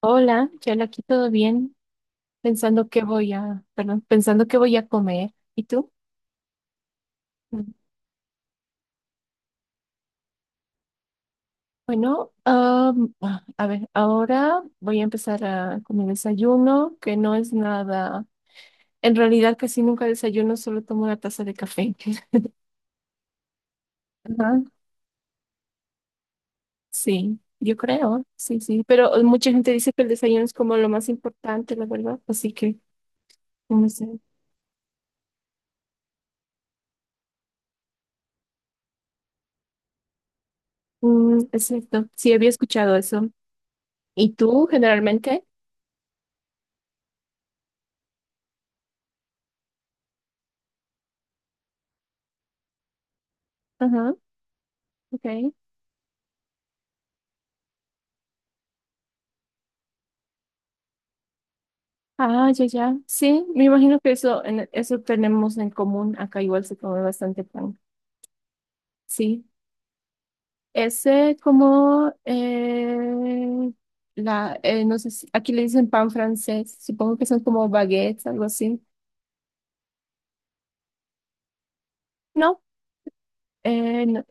Hola, ya aquí todo bien, pensando que voy a, perdón, pensando que voy a comer. ¿Y tú? Mm. Bueno, a ver, ahora voy a empezar a, con mi desayuno, que no es nada, en realidad casi nunca desayuno, solo tomo una taza de café. Ajá, sí, yo creo, sí, sí, pero mucha gente dice que el desayuno es como lo más importante, la verdad, así que no sé. Es cierto, sí, había escuchado eso. ¿Y tú generalmente? Ajá, ok. Ah, ya, ya. Sí, me imagino que eso, eso tenemos en común. Acá igual se come bastante pan. Sí. Ese como la, no sé si aquí le dicen pan francés. Supongo que son como baguettes, algo así. No, no.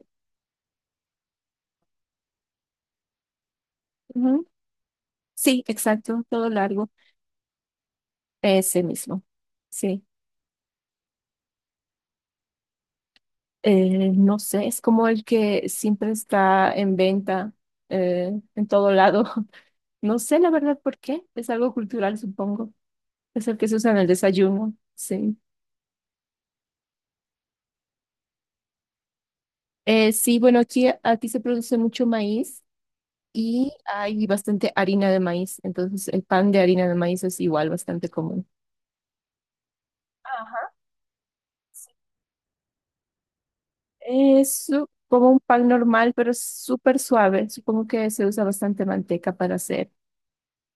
Ujú. Sí, exacto, todo largo. Ese mismo. Sí. No sé, es como el que siempre está en venta en todo lado. No sé la verdad por qué. Es algo cultural, supongo. Es el que se usa en el desayuno, sí. Sí, bueno, aquí, aquí se produce mucho maíz y hay bastante harina de maíz, entonces el pan de harina de maíz es igual bastante común. Ajá, sí. Como un pan normal, pero es súper suave. Supongo que se usa bastante manteca para hacer.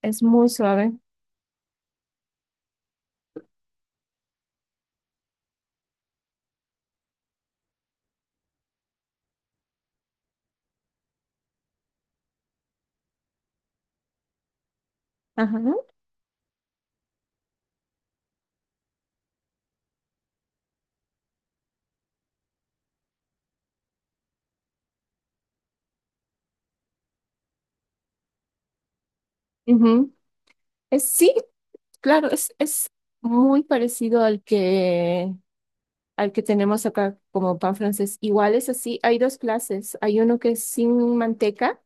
Es muy suave. Ajá. Ujú. Es, sí, claro, es muy parecido al que tenemos acá como pan francés. Igual es así, hay dos clases. Hay uno que es sin manteca,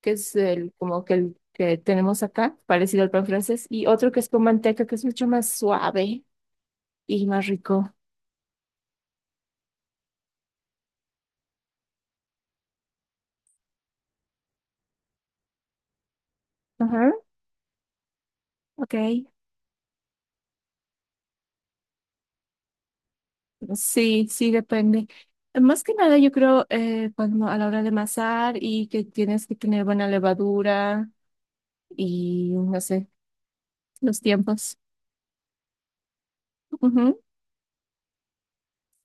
que es el como que el que tenemos acá, parecido al pan francés, y otro que es con manteca, que es mucho más suave y más rico. Ajá, ok. Sí, sí, depende. Más que nada, yo creo, cuando a la hora de amasar y que tienes que tener buena levadura y no sé, los tiempos. Ujú,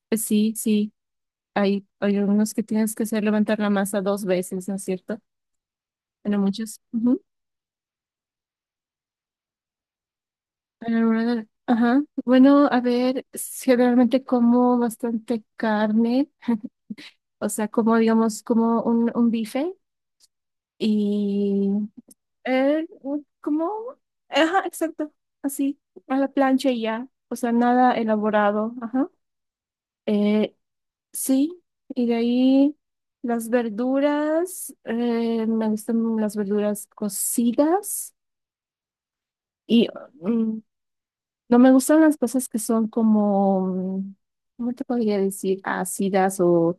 pues sí, sí. Hay algunos que tienes que hacer levantar la masa dos veces, ¿no es cierto? En muchos. Ujú. Ajá. Bueno, a ver, generalmente como bastante carne, o sea, como digamos, como un bife y eh, como, ajá, exacto, así, a la plancha y ya, o sea, nada elaborado, ajá. Eh, sí, y de ahí las verduras, me gustan las verduras cocidas. Y mm, no me gustan las cosas que son como, mm, ¿cómo te podría decir? Ácidas o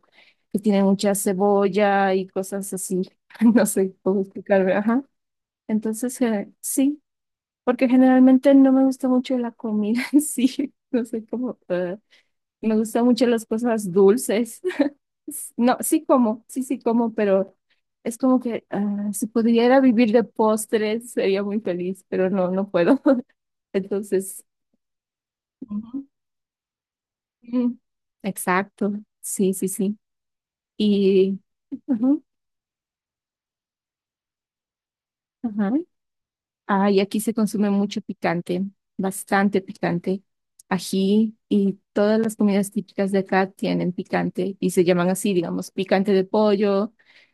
que tienen mucha cebolla y cosas así. No sé cómo explicarme. Ajá. Entonces, sí, porque generalmente no me gusta mucho la comida en sí. No sé cómo. Me gustan mucho las cosas dulces. No, sí como, sí, sí como, pero es como que ah, si pudiera vivir de postres sería muy feliz, pero no, no puedo. Entonces. Ujú. Mm, Exacto, sí, sí, sí. Y, Ujú, ajá. Ah, y aquí se consume mucho picante, bastante picante. Ají y todas las comidas típicas de acá tienen picante y se llaman así, digamos, picante de pollo,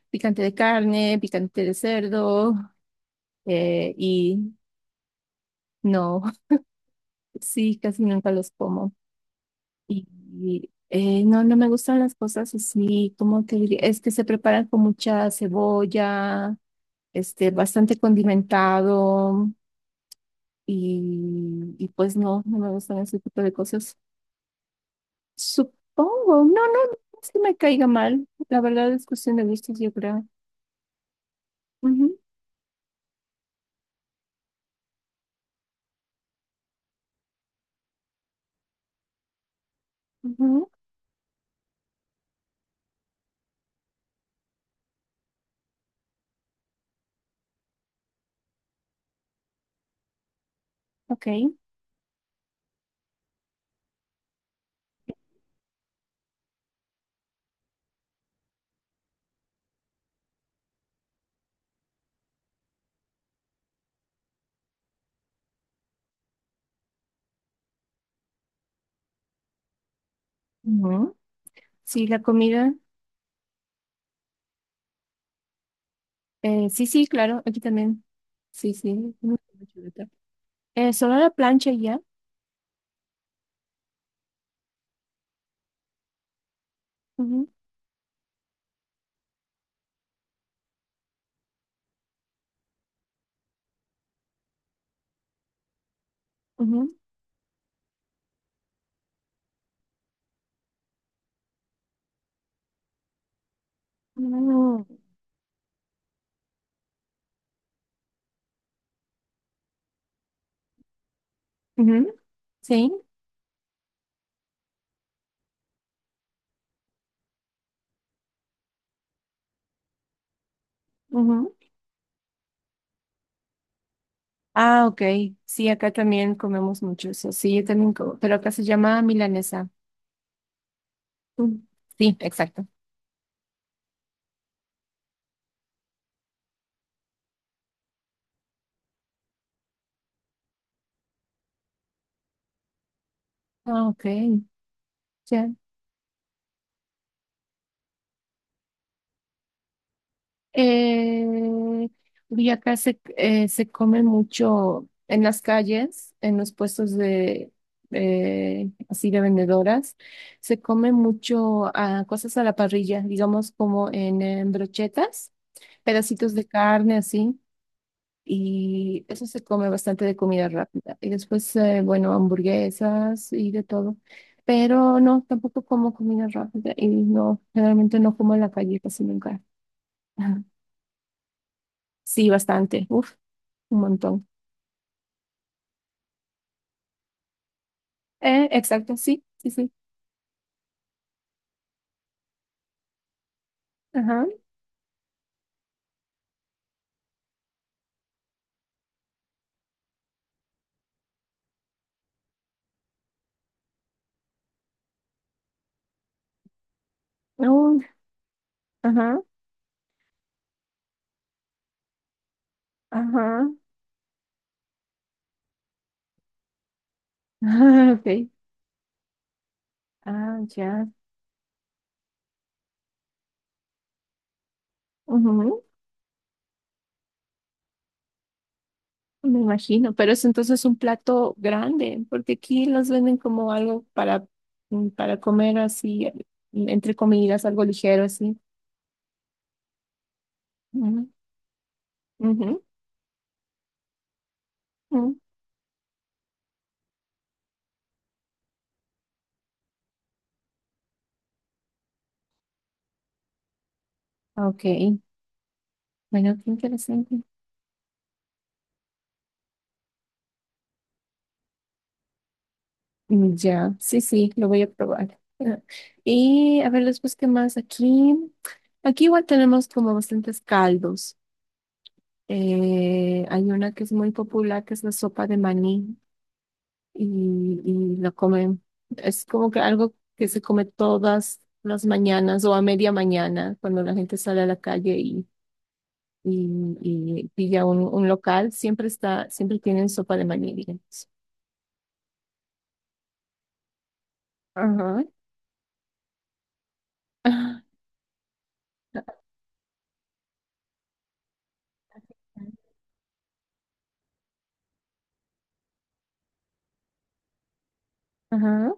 picante de carne, picante de cerdo. Y no, sí, casi nunca los como. Y, no, no me gustan las cosas así, como te diría, es que se preparan con mucha cebolla este, bastante condimentado y pues no, no me gustan ese tipo de cosas. Supongo, no, no, no es que me caiga mal, la verdad es cuestión de gustos, yo creo. Ujú, ujú, ok, ujú. Sí, la comida, sí, sí, claro, aquí también, sí, sí. Ujú. Solo la plancha y ya. Ujú, ujú, ujú, ujú, sí. Ujú. Ah, ok. Sí, acá también comemos mucho eso. Sí, yo también como, pero acá se llama milanesa. Mm, Sí, exacto. Ah, ok, ya. Eh, y acá se, se come mucho en las calles, en los puestos de así de vendedoras, se come mucho cosas a la parrilla, digamos como en, brochetas, pedacitos de carne así. Y eso se come bastante de comida rápida. Y después, bueno, hamburguesas y de todo. Pero no, tampoco como comida rápida y no, generalmente no como en la calle casi nunca. Ajá. Sí, bastante, uf, un montón. Exacto, sí, sí, sí. Ajá, Uh, ajá, ajá. Ah, ok, ah, ya. Ujú. Me imagino, pero es entonces un plato grande, porque aquí los venden como algo para, para comer así, entre comidas, algo ligero así. Ujú, ujú, ujú. Ok, bueno, qué interesante. Ya, sí, sí, lo voy a probar. Ah, y a ver después qué más aquí. Aquí igual tenemos como bastantes caldos. Hay una que es muy popular, que es la sopa de maní. Y lo comen. Es como que algo que se come todas las mañanas o a media mañana cuando la gente sale a la calle y, y pilla un local, siempre está, siempre tienen sopa de maní, digamos. Ajá. Ajá.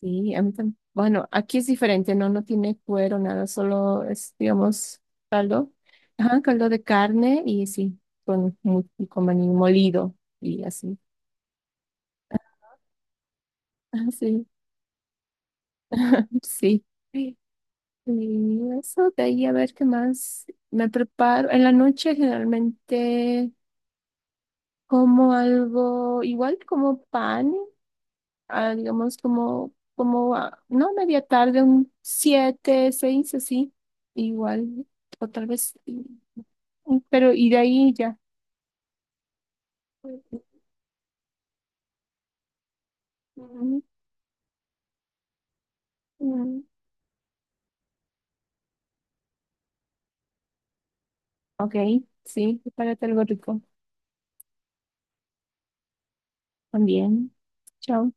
Sí, a mí también. Bueno, aquí es diferente, no, no tiene cuero, nada, solo es, digamos, caldo. Ajá, caldo de carne y sí, con, mu- con maní molido y así. Ah, sí, sí. Y eso, de ahí a ver qué más me preparo. En la noche generalmente como algo, igual como pan, digamos como, no media tarde, un siete, seis, así, igual, o tal vez, pero y de ahí ya. Mm, mm, Ok, sí, prepárate algo rico también. Chao.